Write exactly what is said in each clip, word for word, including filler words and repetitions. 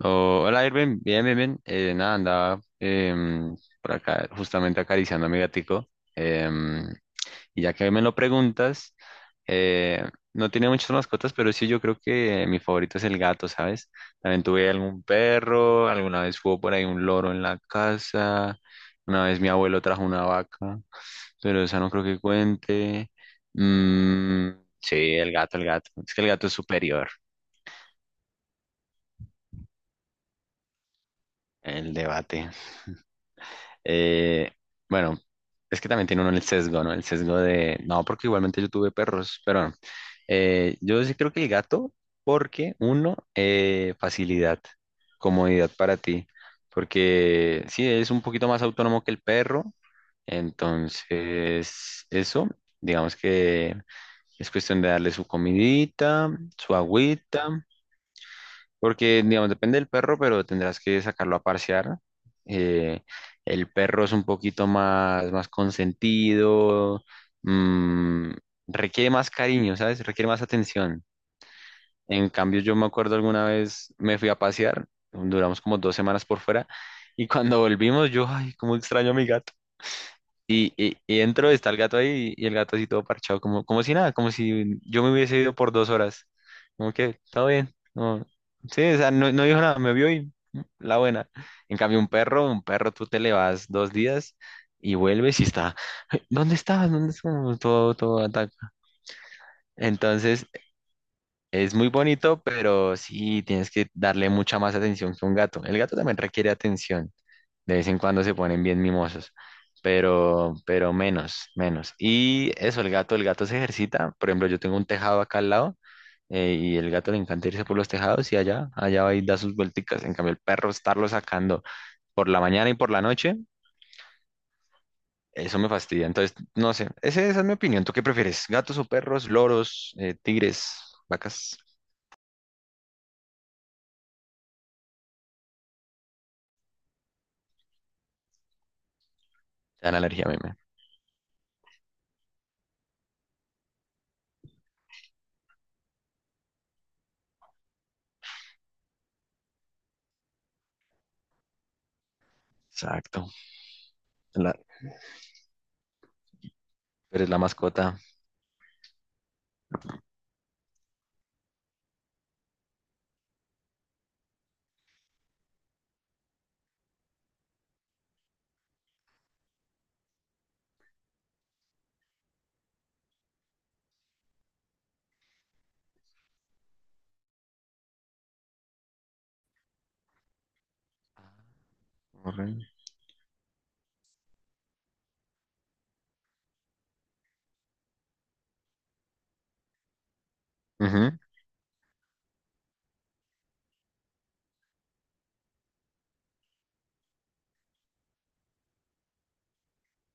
Oh, hola Irving, bien, bien, bien. Eh, nada, andaba em, por acá justamente acariciando a mi gatico. Em, y ya que me lo preguntas, eh, no tiene muchas mascotas, pero sí yo creo que mi favorito es el gato, ¿sabes? También tuve algún perro, alguna vez hubo por ahí un loro en la casa, una vez mi abuelo trajo una vaca, pero esa no creo que cuente. Mm, sí, el gato, el gato. Es que el gato es superior, el debate. Eh, bueno, es que también tiene uno el sesgo, ¿no? El sesgo de, no, porque igualmente yo tuve perros, pero no. Eh, yo sí creo que el gato, porque uno, eh, facilidad, comodidad para ti, porque sí, es un poquito más autónomo que el perro, entonces eso, digamos que es cuestión de darle su comidita, su agüita. Porque, digamos, depende del perro, pero tendrás que sacarlo a parsear. Eh, el perro es un poquito más, más consentido, mm, requiere más cariño, ¿sabes? Requiere más atención. En cambio, yo me acuerdo alguna vez me fui a pasear, duramos como dos semanas por fuera, y cuando volvimos, yo, ay, cómo extraño a mi gato. Y, y, y entro, está el gato ahí y el gato así todo parchado, como, como si nada, como si yo me hubiese ido por dos horas. Como que, todo bien. No, sí, o sea, no, no dijo nada, me vio y mm, la buena. En cambio, un perro, un perro, tú te le vas dos días y vuelves y está, ¿dónde estabas? ¿Dónde estabas? Todo, todo ataca. Entonces, es muy bonito, pero sí, tienes que darle mucha más atención que un gato. El gato también requiere atención. De vez en cuando se ponen bien mimosos, pero, pero menos, menos. Y eso, el gato, el gato se ejercita. Por ejemplo, yo tengo un tejado acá al lado eh, y el gato le encanta irse por los tejados y allá, allá va y da sus vuelticas. En cambio, el perro estarlo sacando por la mañana y por la noche, eso me fastidia. Entonces, no sé, ese- esa es mi opinión. ¿Tú qué prefieres? ¿Gatos o perros, loros, eh, tigres, vacas? Te dan alergia, meme. Exacto. La, pero es la mascota. Ujú.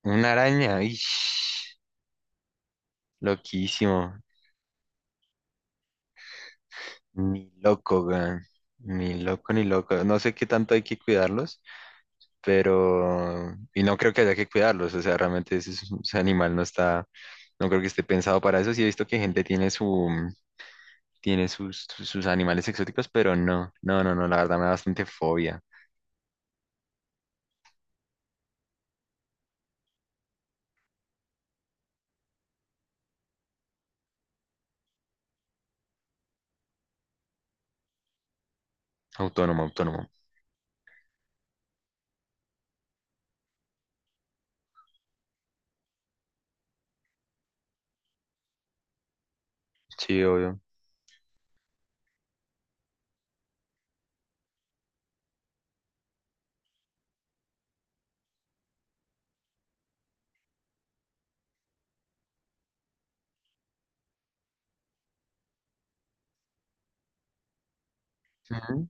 Una araña. Ish. Loquísimo. Ni loco, weón. Ni loco, ni loco. No sé qué tanto hay que cuidarlos, pero... Y no creo que haya que cuidarlos. O sea, realmente ese, es- ese animal no está... No creo que esté pensado para eso. Sí he visto que gente tiene su... Tiene sus, sus sus animales exóticos, pero no. No, no, no. La verdad me da bastante fobia. Autónomo, autónomo. Sí, obvio. Ujú.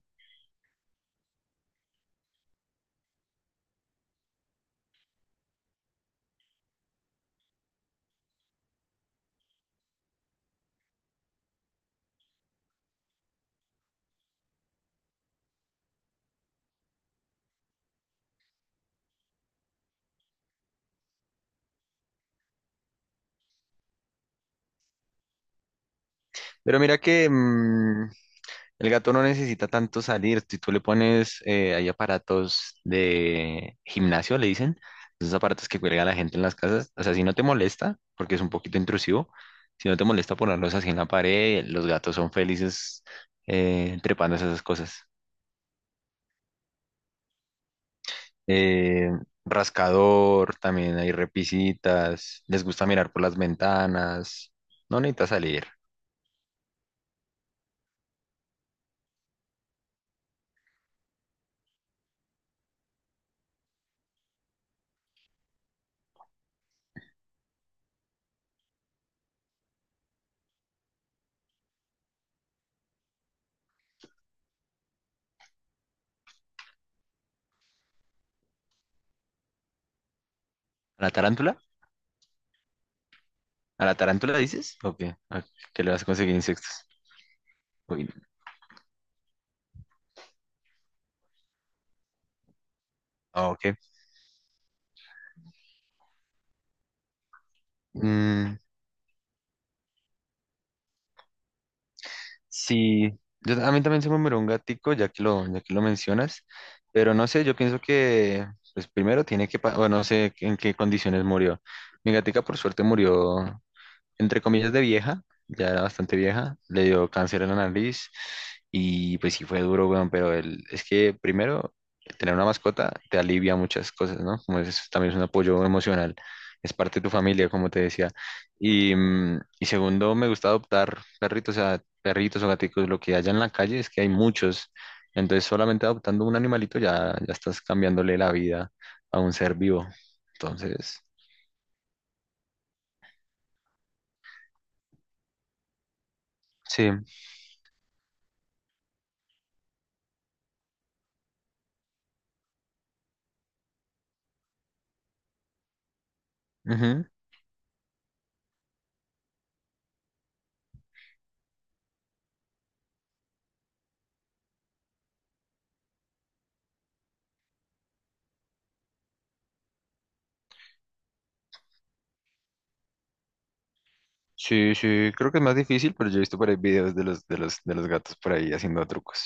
Pero mira que... mm, el gato no necesita tanto salir. Si tú le pones, eh, hay aparatos de gimnasio, le dicen, esos aparatos que cuelga la gente en las casas. O sea, si no te molesta, porque es un poquito intrusivo, si no te molesta ponerlos así en la pared, los gatos son felices eh, trepándose esas cosas. Eh, Rascador, también hay repisitas, les gusta mirar por las ventanas. No necesita salir. ¿A la tarántula? ¿A la tarántula dices? ¿O qué? ¿A qué le vas a conseguir insectos? Uy, ah, ok. Mm, sí, yo, a mí también se me murió un gatico, ya que lo, ya que lo mencionas, pero no sé, yo pienso que, pues primero tiene que, pa- o no sé en qué condiciones murió. Mi gatica por suerte murió entre comillas, de vieja, ya era bastante vieja, le dio cáncer en la nariz y pues sí fue duro, weón, pero el, es que primero, tener una mascota te alivia muchas cosas, ¿no? Como es, también es un apoyo emocional, es parte de tu familia, como te decía. Y, mm, y segundo, me gusta adoptar perritos, o sea, perritos o gaticos, lo que haya en la calle es que hay muchos. Entonces, solamente adoptando un animalito ya, ya estás cambiándole la vida a un ser vivo. Entonces, sí. Ujú. Sí, sí, creo que es más difícil, pero yo he visto por ahí videos de los, de los, de los gatos por ahí haciendo trucos.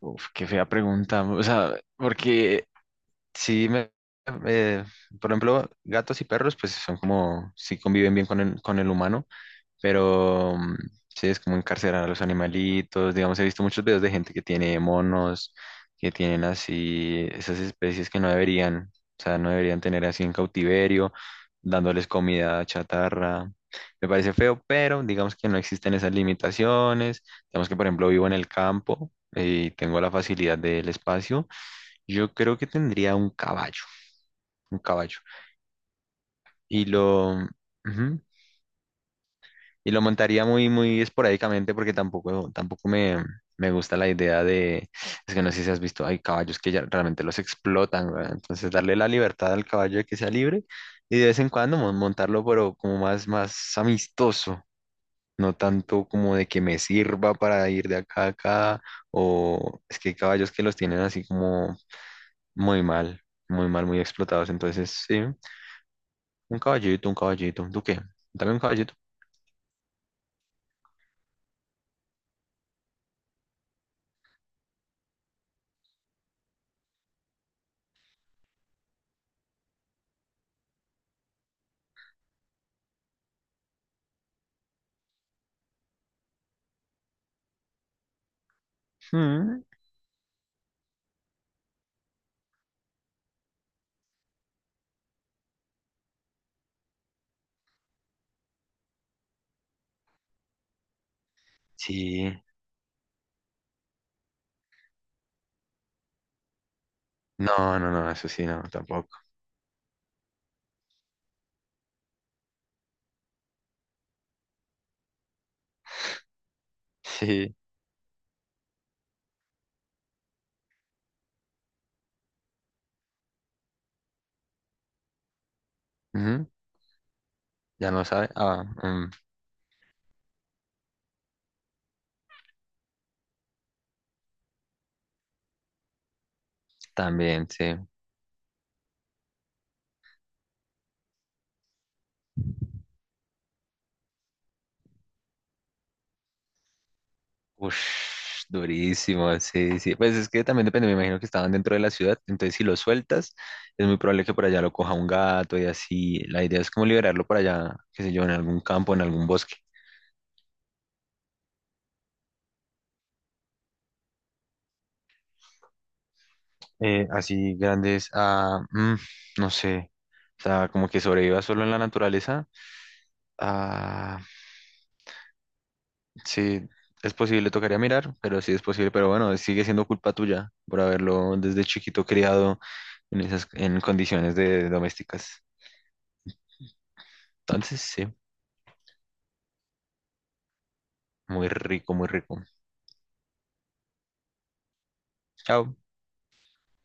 Uf, qué fea pregunta. O sea, porque sí, me, eh, por ejemplo, gatos y perros, pues son como, sí conviven bien con el, con el humano. Pero mm, sí, es como encarcelar a los animalitos. Digamos, he visto muchos videos de gente que tiene monos, que tienen así esas especies que no deberían, o sea, no deberían tener así en cautiverio, dándoles comida chatarra. Me parece feo, pero digamos que no existen esas limitaciones. Digamos que, por ejemplo, vivo en el campo y tengo la facilidad del espacio. Yo creo que tendría un caballo, un caballo. Y lo, ujú, y lo montaría muy, muy esporádicamente porque tampoco, tampoco me, me gusta la idea de, es que no sé si has visto, hay caballos que ya realmente los explotan, weón. Entonces darle la libertad al caballo de que sea libre y de vez en cuando mon- montarlo, pero como más, más amistoso, no tanto como de que me sirva para ir de acá a acá, o es que hay caballos que los tienen así como muy mal, muy mal, muy explotados. Entonces, sí, un caballito, un caballito, ¿tú qué? Dame un caballito. Mm, Sí. No, no, no, eso sí, no, tampoco. Sí. Ujú, ya no sabe. Ah, mm, también, sí. Ush, durísimo, sí, sí. Pues es que también depende, me imagino que estaban dentro de la ciudad, entonces si lo sueltas, es muy probable que por allá lo coja un gato y así. La idea es como liberarlo por allá, qué sé yo, en algún campo, en algún bosque. Eh, así grandes, ah, mm, no sé. O sea, como que sobreviva solo en la naturaleza. Ah. Sí, es posible, tocaría mirar, pero sí es posible, pero bueno, sigue siendo culpa tuya por haberlo desde chiquito criado en esas, en condiciones de domésticas. Entonces, sí, muy rico, muy rico. Chao.